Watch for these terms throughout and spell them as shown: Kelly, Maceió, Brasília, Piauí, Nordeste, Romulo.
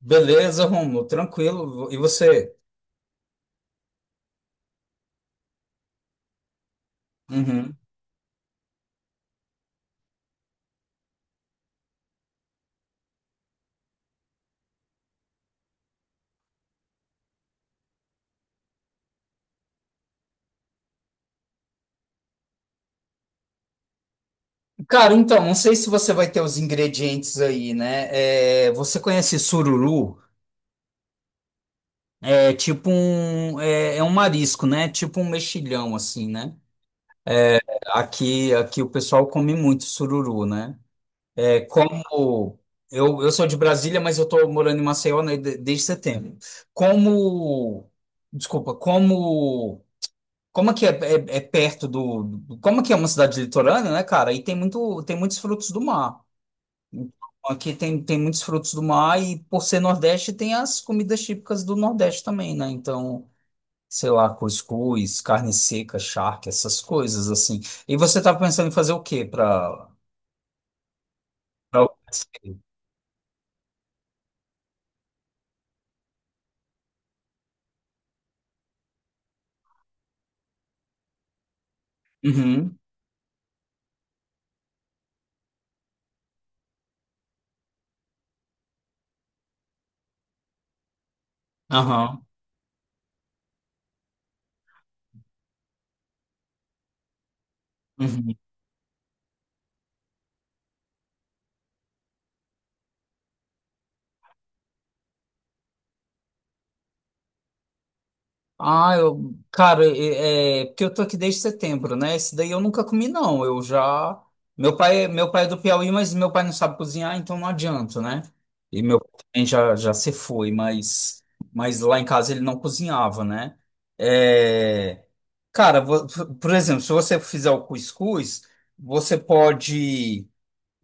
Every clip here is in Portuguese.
Beleza, Romulo, tranquilo. E você? Uhum. Cara, então, não sei se você vai ter os ingredientes aí, né? É, você conhece sururu? É tipo um marisco, né? Tipo um mexilhão, assim, né? Aqui o pessoal come muito sururu, né? É como eu sou de Brasília, mas eu tô morando em Maceió, né, desde setembro. Como, Desculpa. Como Como que é, é- é Como que é uma cidade litorânea, né, cara? E tem muitos frutos do mar. Então, aqui tem muitos frutos do mar e por ser Nordeste tem as comidas típicas do Nordeste também, né? Então, sei lá, cuscuz, carne seca, charque, essas coisas assim. E você tá pensando em fazer o quê para. Uhum. Aham. Uhum. Ah, eu, cara, porque eu tô aqui desde setembro, né? Esse daí eu nunca comi, não. Eu já. Meu pai é do Piauí, mas meu pai não sabe cozinhar, então não adianta, né? E meu pai também já se foi, mas, lá em casa ele não cozinhava, né? É, cara, por exemplo, se você fizer o cuscuz, você pode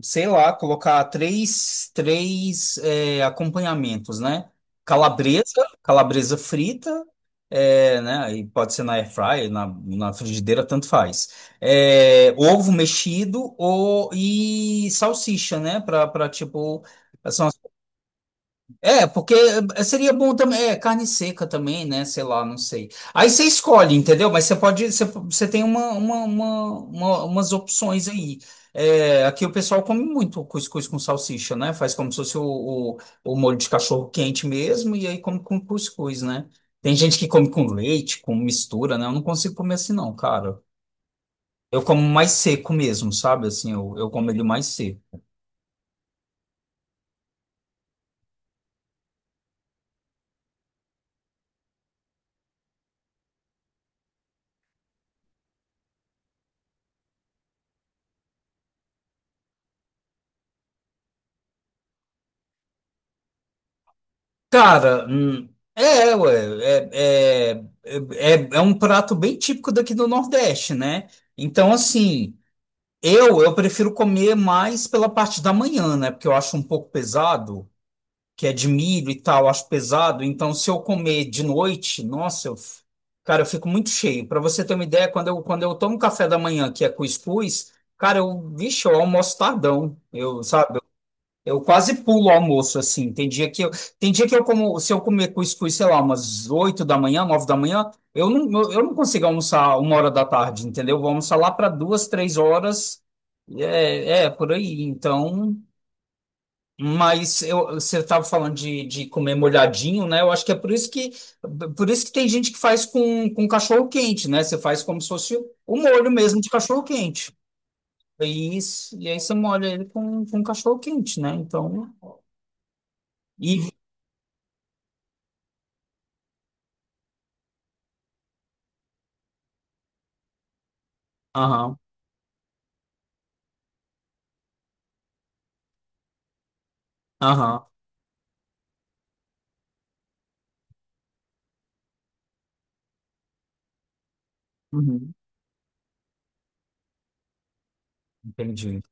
sei lá, colocar acompanhamentos, né? Calabresa, calabresa frita, né? Aí pode ser na air fryer, na frigideira, tanto faz. Ovo mexido ou, e salsicha, né? Para tipo, são porque seria bom também, carne seca também, né? Sei lá, não sei. Aí você escolhe, entendeu? Mas você tem umas opções aí. Aqui o pessoal come muito cuscuz com salsicha, né? Faz como se fosse o, o molho de cachorro quente mesmo, e aí come com cuscuz, né? Tem gente que come com leite, com mistura, né? Eu não consigo comer assim, não, cara. Eu como mais seco mesmo, sabe? Assim, eu como ele mais seco. Cara, ué, é um prato bem típico daqui do Nordeste, né? Então, assim, eu prefiro comer mais pela parte da manhã, né? Porque eu acho um pouco pesado, que é de milho e tal, eu acho pesado. Então, se eu comer de noite, nossa, cara, eu fico muito cheio. Para você ter uma ideia, quando eu tomo café da manhã, que é cuscuz, cara, vixe, eu almoço tardão, sabe? Eu quase pulo o almoço, assim. Tem dia que eu como, se eu comer cuscuz, sei lá, umas 8 da manhã, 9 da manhã, eu não consigo almoçar 1 hora da tarde, entendeu? Vou almoçar lá para duas, três horas. Por aí. Então, mas você estava falando de comer molhadinho, né? Eu acho que é por isso que tem gente que faz com cachorro quente, né? Você faz como se fosse o molho mesmo de cachorro quente. E aí você molha ele com cachorro quente, né? Então. E, Aham, aham, uhum, entendi.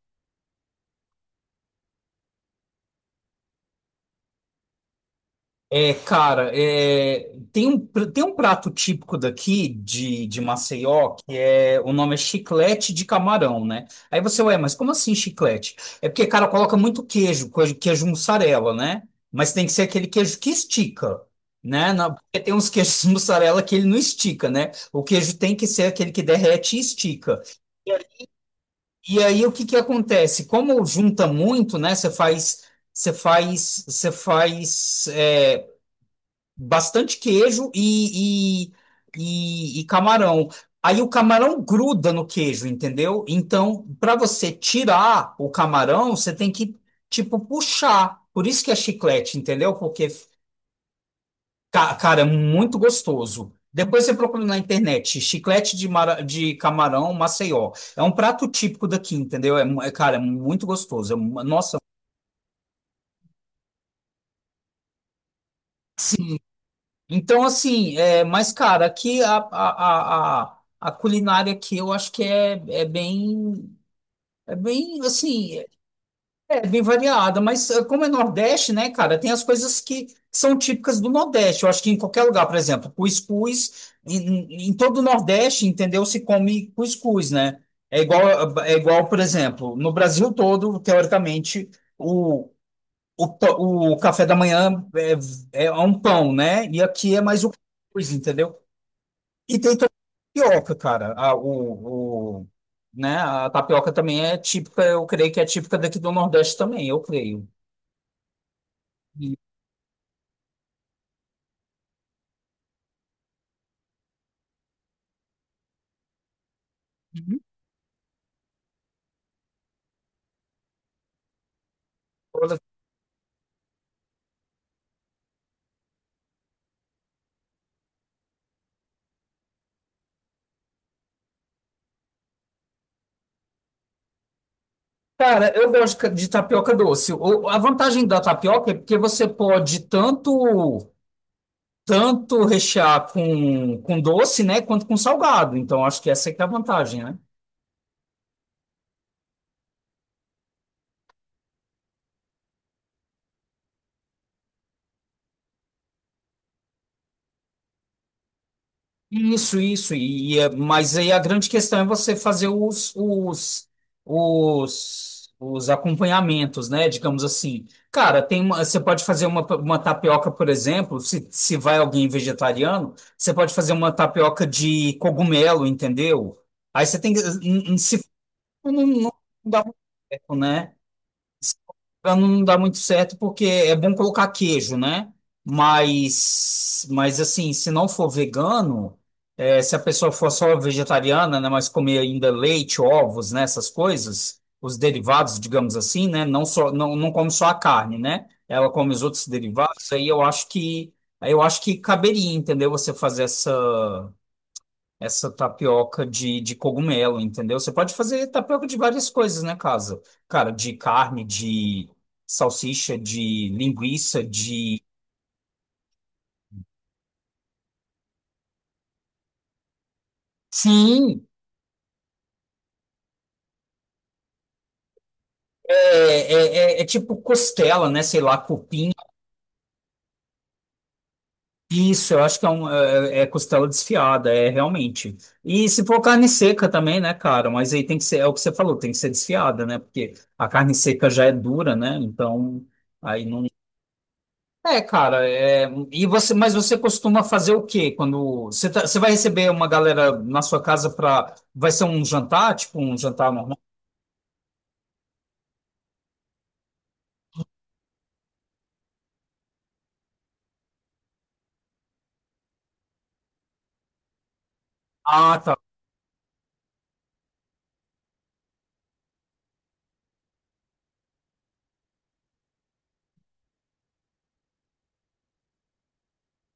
É, cara, tem um prato típico daqui de Maceió, que o nome é chiclete de camarão, né? Aí você, ué, mas como assim chiclete? É porque, cara, coloca muito queijo mussarela, né? Mas tem que ser aquele queijo que estica, né? Porque tem uns queijos mussarela que ele não estica, né? O queijo tem que ser aquele que derrete e estica. E aí o que que acontece? Como junta muito, né? Você faz, você faz é, Bastante queijo e camarão. Aí o camarão gruda no queijo, entendeu? Então, para você tirar o camarão, você tem que tipo puxar. Por isso que é chiclete, entendeu? Cara, é muito gostoso. Depois você procura na internet, chiclete de camarão Maceió. É um prato típico daqui, entendeu? Cara, é muito gostoso. Nossa, sim. Então, assim, mas, cara, aqui a culinária aqui eu acho que é bem. É bem assim. É bem variada, mas como é Nordeste, né, cara, tem as coisas que são típicas do Nordeste. Eu acho que em qualquer lugar, por exemplo, cuscuz, em todo o Nordeste, entendeu? Se come cuscuz, né? É igual, é igual, por exemplo, no Brasil todo, teoricamente, o, o café da manhã é um pão, né? E aqui é mais o cuscuz, entendeu? E tem também a tapioca, cara. Né? A tapioca também é típica, eu creio que é típica daqui do Nordeste também, eu creio. Olha, cara, eu gosto de tapioca doce. A vantagem da tapioca é porque você pode tanto rechear com doce, né, quanto com salgado. Então, acho que essa é que é a vantagem, né? Isso, isso. Mas aí a grande questão é você fazer os acompanhamentos, né? Digamos assim. Cara, você pode fazer uma tapioca, por exemplo, se vai alguém vegetariano, você pode fazer uma tapioca de cogumelo, entendeu? Aí você tem que. Se não, não dá muito certo, né? Pra não me engano, não dá muito certo porque é bom colocar queijo, né? Mas assim, se não for vegano, se a pessoa for só vegetariana, né, mas comer ainda leite, ovos, né, essas coisas, os derivados, digamos assim, né, não só não come só a carne, né? Ela come os outros derivados, aí eu acho que caberia, entendeu? Você fazer essa tapioca de cogumelo, entendeu? Você pode fazer tapioca de várias coisas, né, casa? Cara, de carne, de salsicha, de linguiça, de. Sim, é tipo costela, né? Sei lá, cupim. Isso, eu acho que é costela desfiada, é realmente. E se for carne seca também, né, cara? Mas aí tem que ser, é o que você falou, tem que ser desfiada, né? Porque a carne seca já é dura, né? Então, aí não. É, cara, mas você costuma fazer o quê quando você vai receber uma galera na sua casa para, vai ser um jantar, tipo um jantar normal? Ah, tá.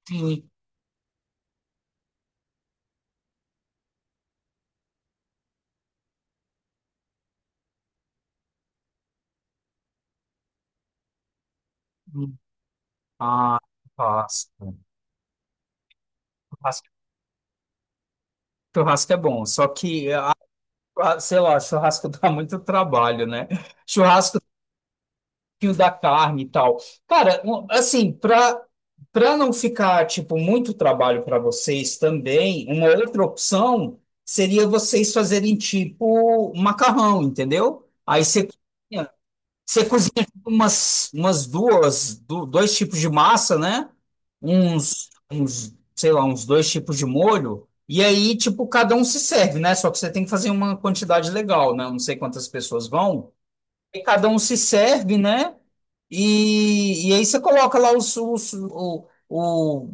Sim. Ah, churrasco. Churrasco, churrasco é bom, só que, sei lá, churrasco dá muito trabalho, né? Churrasco fio da carne e tal. Cara, assim, para não ficar tipo muito trabalho para vocês também, uma outra opção seria vocês fazerem tipo macarrão, entendeu? Aí você cozinha tipo, dois tipos de massa, né? Uns sei lá, uns dois tipos de molho. E aí, tipo, cada um se serve, né? Só que você tem que fazer uma quantidade legal, né? Não sei quantas pessoas vão. E cada um se serve, né? E aí você coloca lá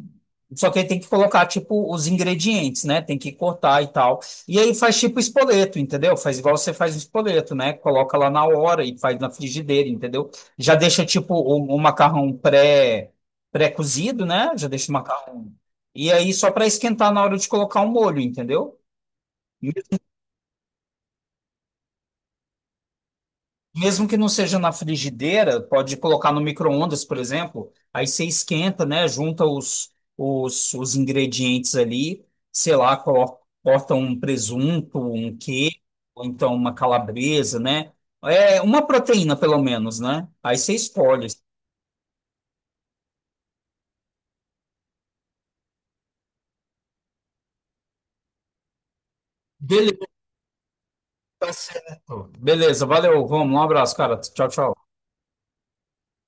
Só que aí tem que colocar, tipo, os ingredientes, né? Tem que cortar e tal. E aí faz tipo espoleto, entendeu? Faz igual você faz o espoleto, né? Coloca lá na hora e faz na frigideira, entendeu? Já deixa, tipo, o macarrão pré-cozido, né? Já deixa o macarrão. E aí só para esquentar na hora de colocar o molho, entendeu? Mesmo que não seja na frigideira, pode colocar no micro-ondas, por exemplo. Aí você esquenta, né? Junta os ingredientes ali, sei lá, corta um presunto, um queijo, ou então uma calabresa, né? É uma proteína, pelo menos, né? Aí você escolhe. Beleza, tá certo. Beleza, valeu, vamos Um abraço, cara. Tchau, tchau.